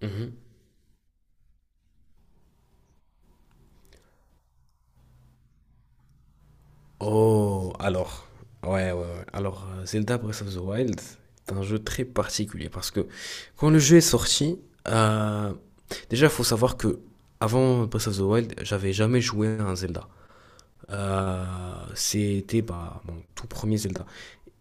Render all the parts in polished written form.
Mhm. Oh, alors, ouais, ouais, ouais. Alors, Zelda Breath of the Wild est un jeu très particulier parce que quand le jeu est sorti, euh, déjà, il faut savoir que avant Breath of the Wild, j'avais jamais joué à un Zelda. Euh, C'était bah, mon tout premier Zelda.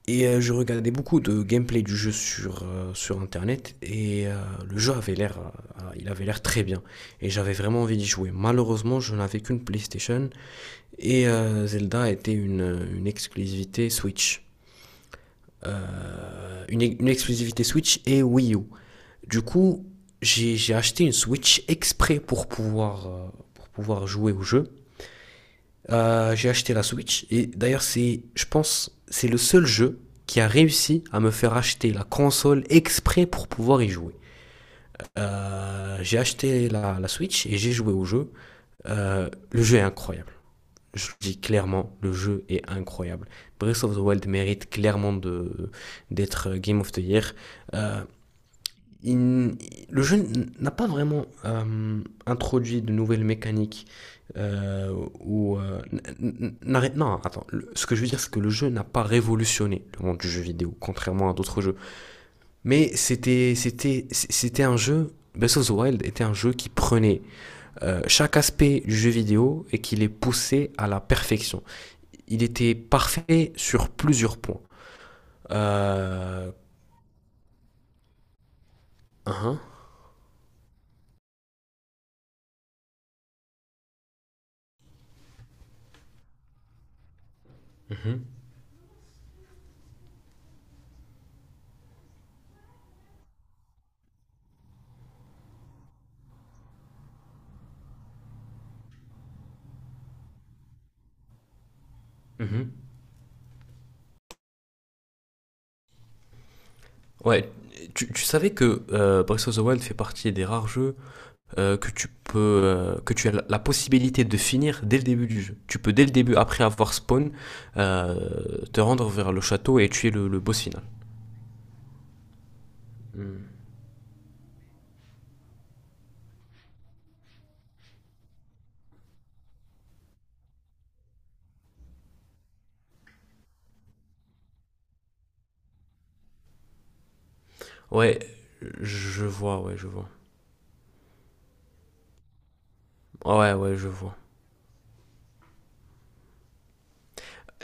Et je regardais beaucoup de gameplay du jeu sur internet et le jeu avait l'air, il avait l'air très bien et j'avais vraiment envie d'y jouer. Malheureusement, je n'avais qu'une PlayStation et Zelda était une exclusivité Switch. Une exclusivité Switch et Wii U. Du coup, j'ai acheté une Switch exprès pour pouvoir jouer au jeu. J'ai acheté la Switch et d'ailleurs c'est, je pense, c'est le seul jeu qui a réussi à me faire acheter la console exprès pour pouvoir y jouer. J'ai acheté la Switch et j'ai joué au jeu. Le jeu est incroyable. Je le dis clairement, le jeu est incroyable. Breath of the Wild mérite clairement de d'être Game of the Year. Euh, il- le jeu n'a pas vraiment introduit de nouvelles mécaniques euh, ou non, attends, ce que je veux dire c'est que le jeu n'a pas révolutionné le monde du jeu vidéo contrairement à d'autres jeux, mais c'était c'était c'était un jeu Breath of the Wild était un jeu qui prenait chaque aspect du jeu vidéo et qui les poussait à la perfection. Il était parfait sur plusieurs points. euh, hein. Mhm. Mhm. Ouais, tu savais que Breath of the Wild fait partie des rares jeux que tu as la possibilité de finir dès le début du jeu. Tu peux dès le début, après avoir spawn, te rendre vers le château et tuer le boss final. Ouais, je vois, ouais, je vois. Ouais, ouais, je vois.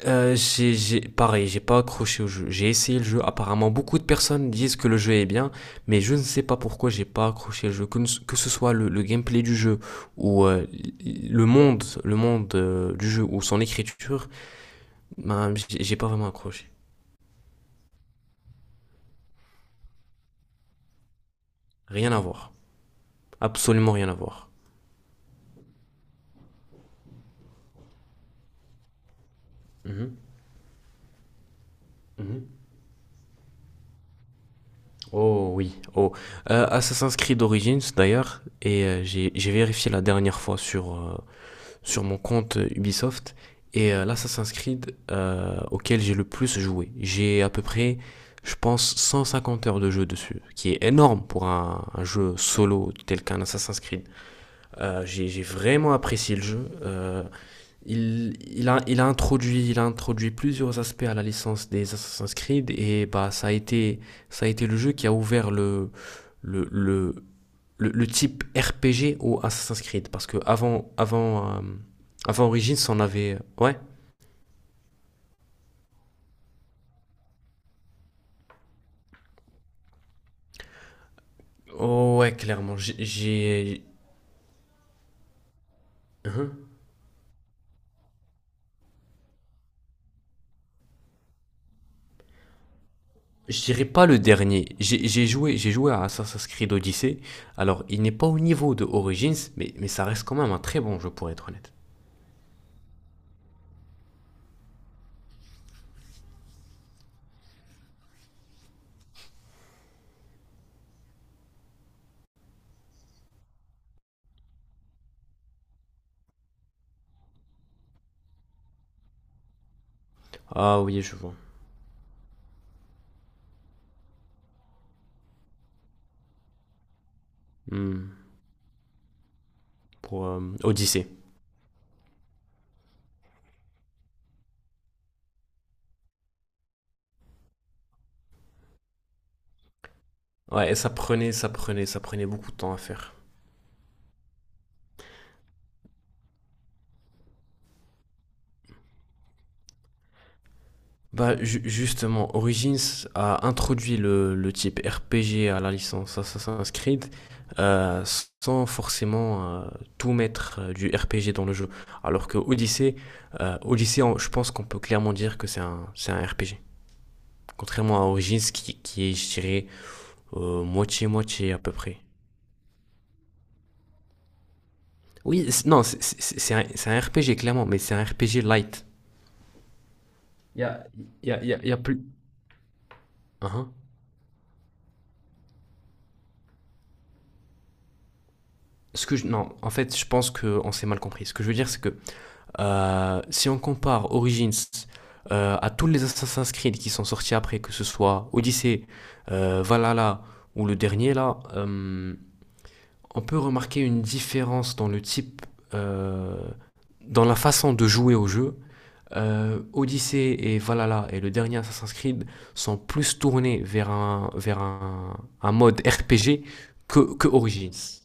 Pareil, j'ai pas accroché au jeu. J'ai essayé le jeu. Apparemment, beaucoup de personnes disent que le jeu est bien, mais je ne sais pas pourquoi j'ai pas accroché le jeu. Que ce soit le gameplay du jeu ou le monde du jeu ou son écriture, ben, j'ai pas vraiment accroché. Rien à voir. Absolument rien à voir. Mhm, mhm. Oh oui, oh. Assassin's Creed Origins d'ailleurs, et j'ai vérifié la dernière fois sur mon compte Ubisoft. Et l'Assassin's Creed auquel j'ai le plus joué. J'ai à peu près, je pense, 150 heures de jeu dessus, qui est énorme pour un jeu solo tel qu'un Assassin's Creed. J'ai vraiment apprécié le jeu. Il a introduit plusieurs aspects à la licence des Assassin's Creed et bah, ça a été le jeu qui a ouvert le, le, le type RPG au Assassin's Creed. Parce que avant Origins, on avait. Ouais. Oh, ouais, clairement. J'ai- J'ai. Hein. Je dirais pas le dernier. J'ai joué à Assassin's Creed Odyssey. Alors, il n'est pas au niveau de Origins, mais ça reste quand même un très bon jeu, pour être honnête. Ah oui, je vois. Hmm. Pour Odyssey. Ouais, ça prenait beaucoup de temps à faire. Bah, justement, Origins a introduit le type RPG à la licence Assassin's Creed euh, sans forcément tout mettre du RPG dans le jeu. Alors que Odyssey, je pense qu'on peut clairement dire que c'est un RPG. Contrairement à Origins qui est, je dirais, moitié-moitié à peu près. Oui, non, c'est un RPG clairement, mais c'est un RPG light. Il y a, y a plus. Hein? Non, en fait, je pense qu'on s'est mal compris. Ce que je veux dire, c'est que si on compare Origins à tous les Assassin's Creed qui sont sortis après, que ce soit Odyssey, Valhalla ou le dernier là, on peut remarquer une différence dans le type, euh, dans la façon de jouer au jeu. Odyssey et Valhalla et le dernier Assassin's Creed sont plus tournés vers un mode RPG que Origins.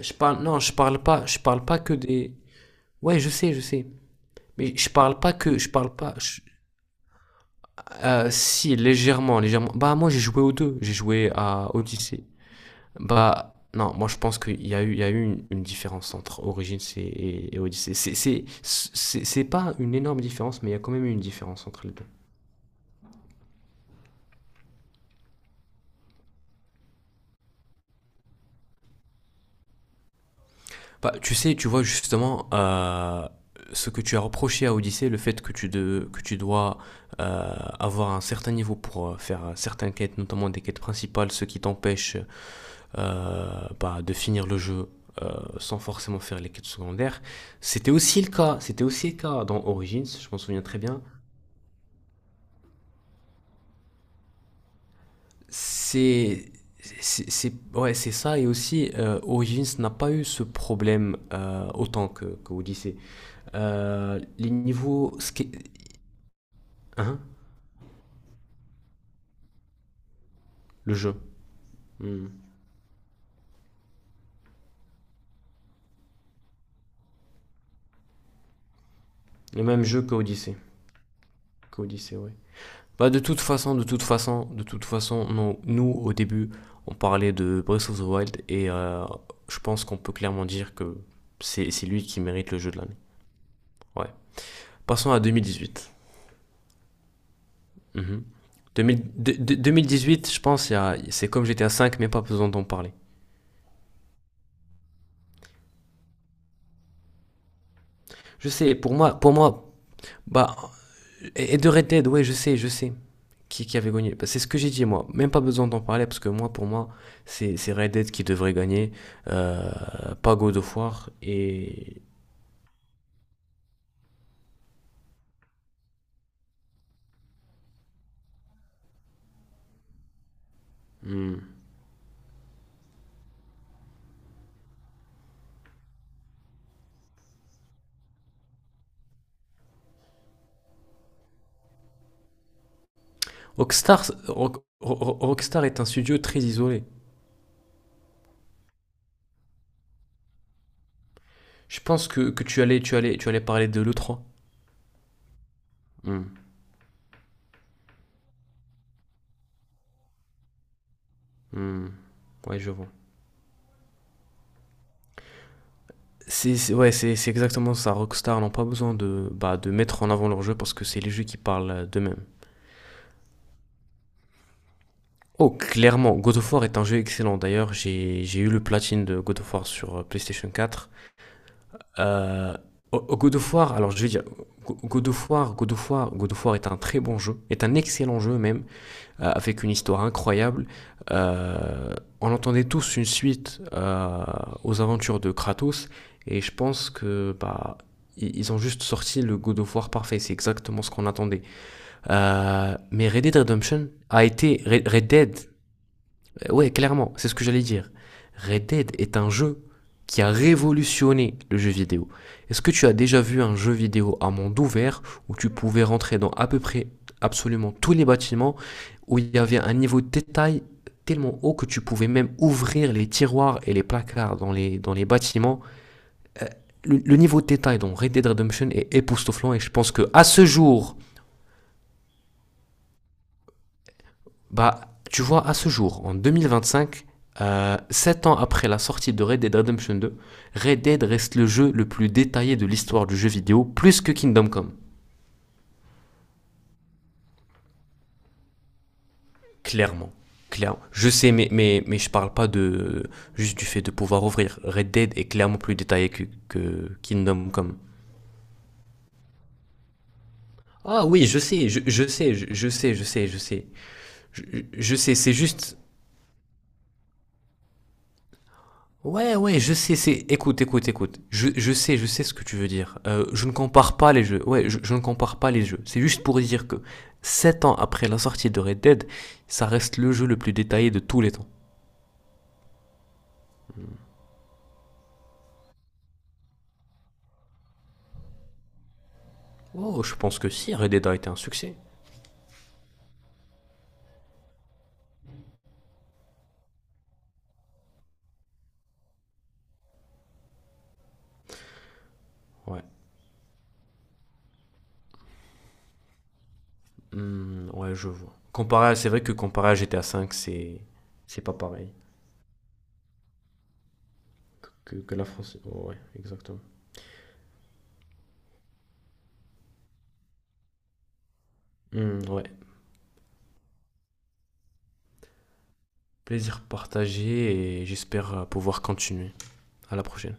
Je parle pas que des. Ouais, je sais, je sais. Mais je parle pas. Si légèrement, légèrement. Bah moi j'ai joué aux deux. J'ai joué à Odyssey. Bah non, moi je pense qu'il y a eu une différence entre Origins et Odyssey. C'est pas une énorme différence, mais il y a quand même eu une différence entre les deux. Bah tu sais, tu vois justement ce que tu as reproché à Odyssey, le fait que tu dois avoir un certain niveau pour faire certaines quêtes, notamment des quêtes principales, ce qui t'empêche bah, de finir le jeu euh, sans forcément faire les quêtes secondaires. C'était aussi le cas dans Origins, je m'en souviens très bien. C'est c'est ouais, c'est ça et aussi Origins n'a pas eu ce problème autant que Odyssey. Les niveaux hein. Le jeu. Hmm. Le même jeu que Odyssey. Que Odyssey, ouais. Bah de toute façon, non, nous au début, on parlait de Breath of the Wild et je pense qu'on peut clairement dire que c'est lui qui mérite le jeu de l'année. Ouais. Passons à 2018. Mhm. 2018, je pense, c'est comme GTA 5 mais pas besoin d'en parler. Je sais, bah, et de Red Dead, ouais, je sais, je sais. Qui avait gagné. Bah, c'est ce que j'ai dit, moi. Même pas besoin d'en parler, parce que moi, pour moi, c'est Red Dead qui devrait gagner, euh, pas God of War. Et. Hmm. Rockstar, Rock- Rockstar est un studio très isolé. Je pense que tu allais parler de le trois. Hmm. Hmm. Ouais, je vois. C'est ouais, c'est exactement ça. Rockstar n'ont pas besoin de, bah, de mettre en avant leur jeu parce que c'est les jeux qui parlent d'eux-mêmes. Oh, clairement, God of War est un jeu excellent. D'ailleurs, j'ai eu le platine de God of War sur PlayStation 4. Euh, God of War, alors je vais dire, God of War est un très bon jeu, est un excellent jeu même, avec une histoire incroyable. Euh, on entendait tous une suite aux aventures de Kratos, et je pense que bah, ils ont juste sorti le God of War parfait, c'est exactement ce qu'on attendait. Mais Red Dead Redemption a été, Red Red Dead Ouais, clairement, c'est ce que j'allais dire. Red Dead est un jeu qui a révolutionné le jeu vidéo. Est-ce que tu as déjà vu un jeu vidéo à monde ouvert où tu pouvais rentrer dans à peu près absolument tous les bâtiments, où il y avait un niveau de détail tellement haut que tu pouvais même ouvrir les tiroirs et les placards dans les bâtiments? Le niveau de détail dans Red Dead Redemption est époustouflant et je pense que à ce jour, bah, tu vois, à ce jour, en 2025, 7 ans après la sortie de Red Dead Redemption 2, Red Dead reste le jeu le plus détaillé de l'histoire du jeu vidéo, plus que Kingdom Come. Clairement. Clairement. Je sais, mais je parle pas de juste du fait de pouvoir ouvrir. Red Dead est clairement plus détaillé que Kingdom Come. Ah oui, je sais, je sais, je sais. Je, je sais, c'est juste. Ouais, ouais, je sais, c'est. Écoute, écoute, écoute. Je sais, je sais ce que tu veux dire. Je ne compare pas les jeux. Ouais, je ne compare pas les jeux. C'est juste pour dire que 7 ans après la sortie de Red Dead, ça reste le jeu le plus détaillé de tous les temps. Oh, je pense que si, Red Dead a été un succès. Ouais. Hmm, ouais, je vois. C'est vrai que comparé à GTA V, c'est. C'est pas pareil que la France. Oh, ouais, exactement. Hmm, ouais. Plaisir partagé et j'espère pouvoir continuer. À la prochaine.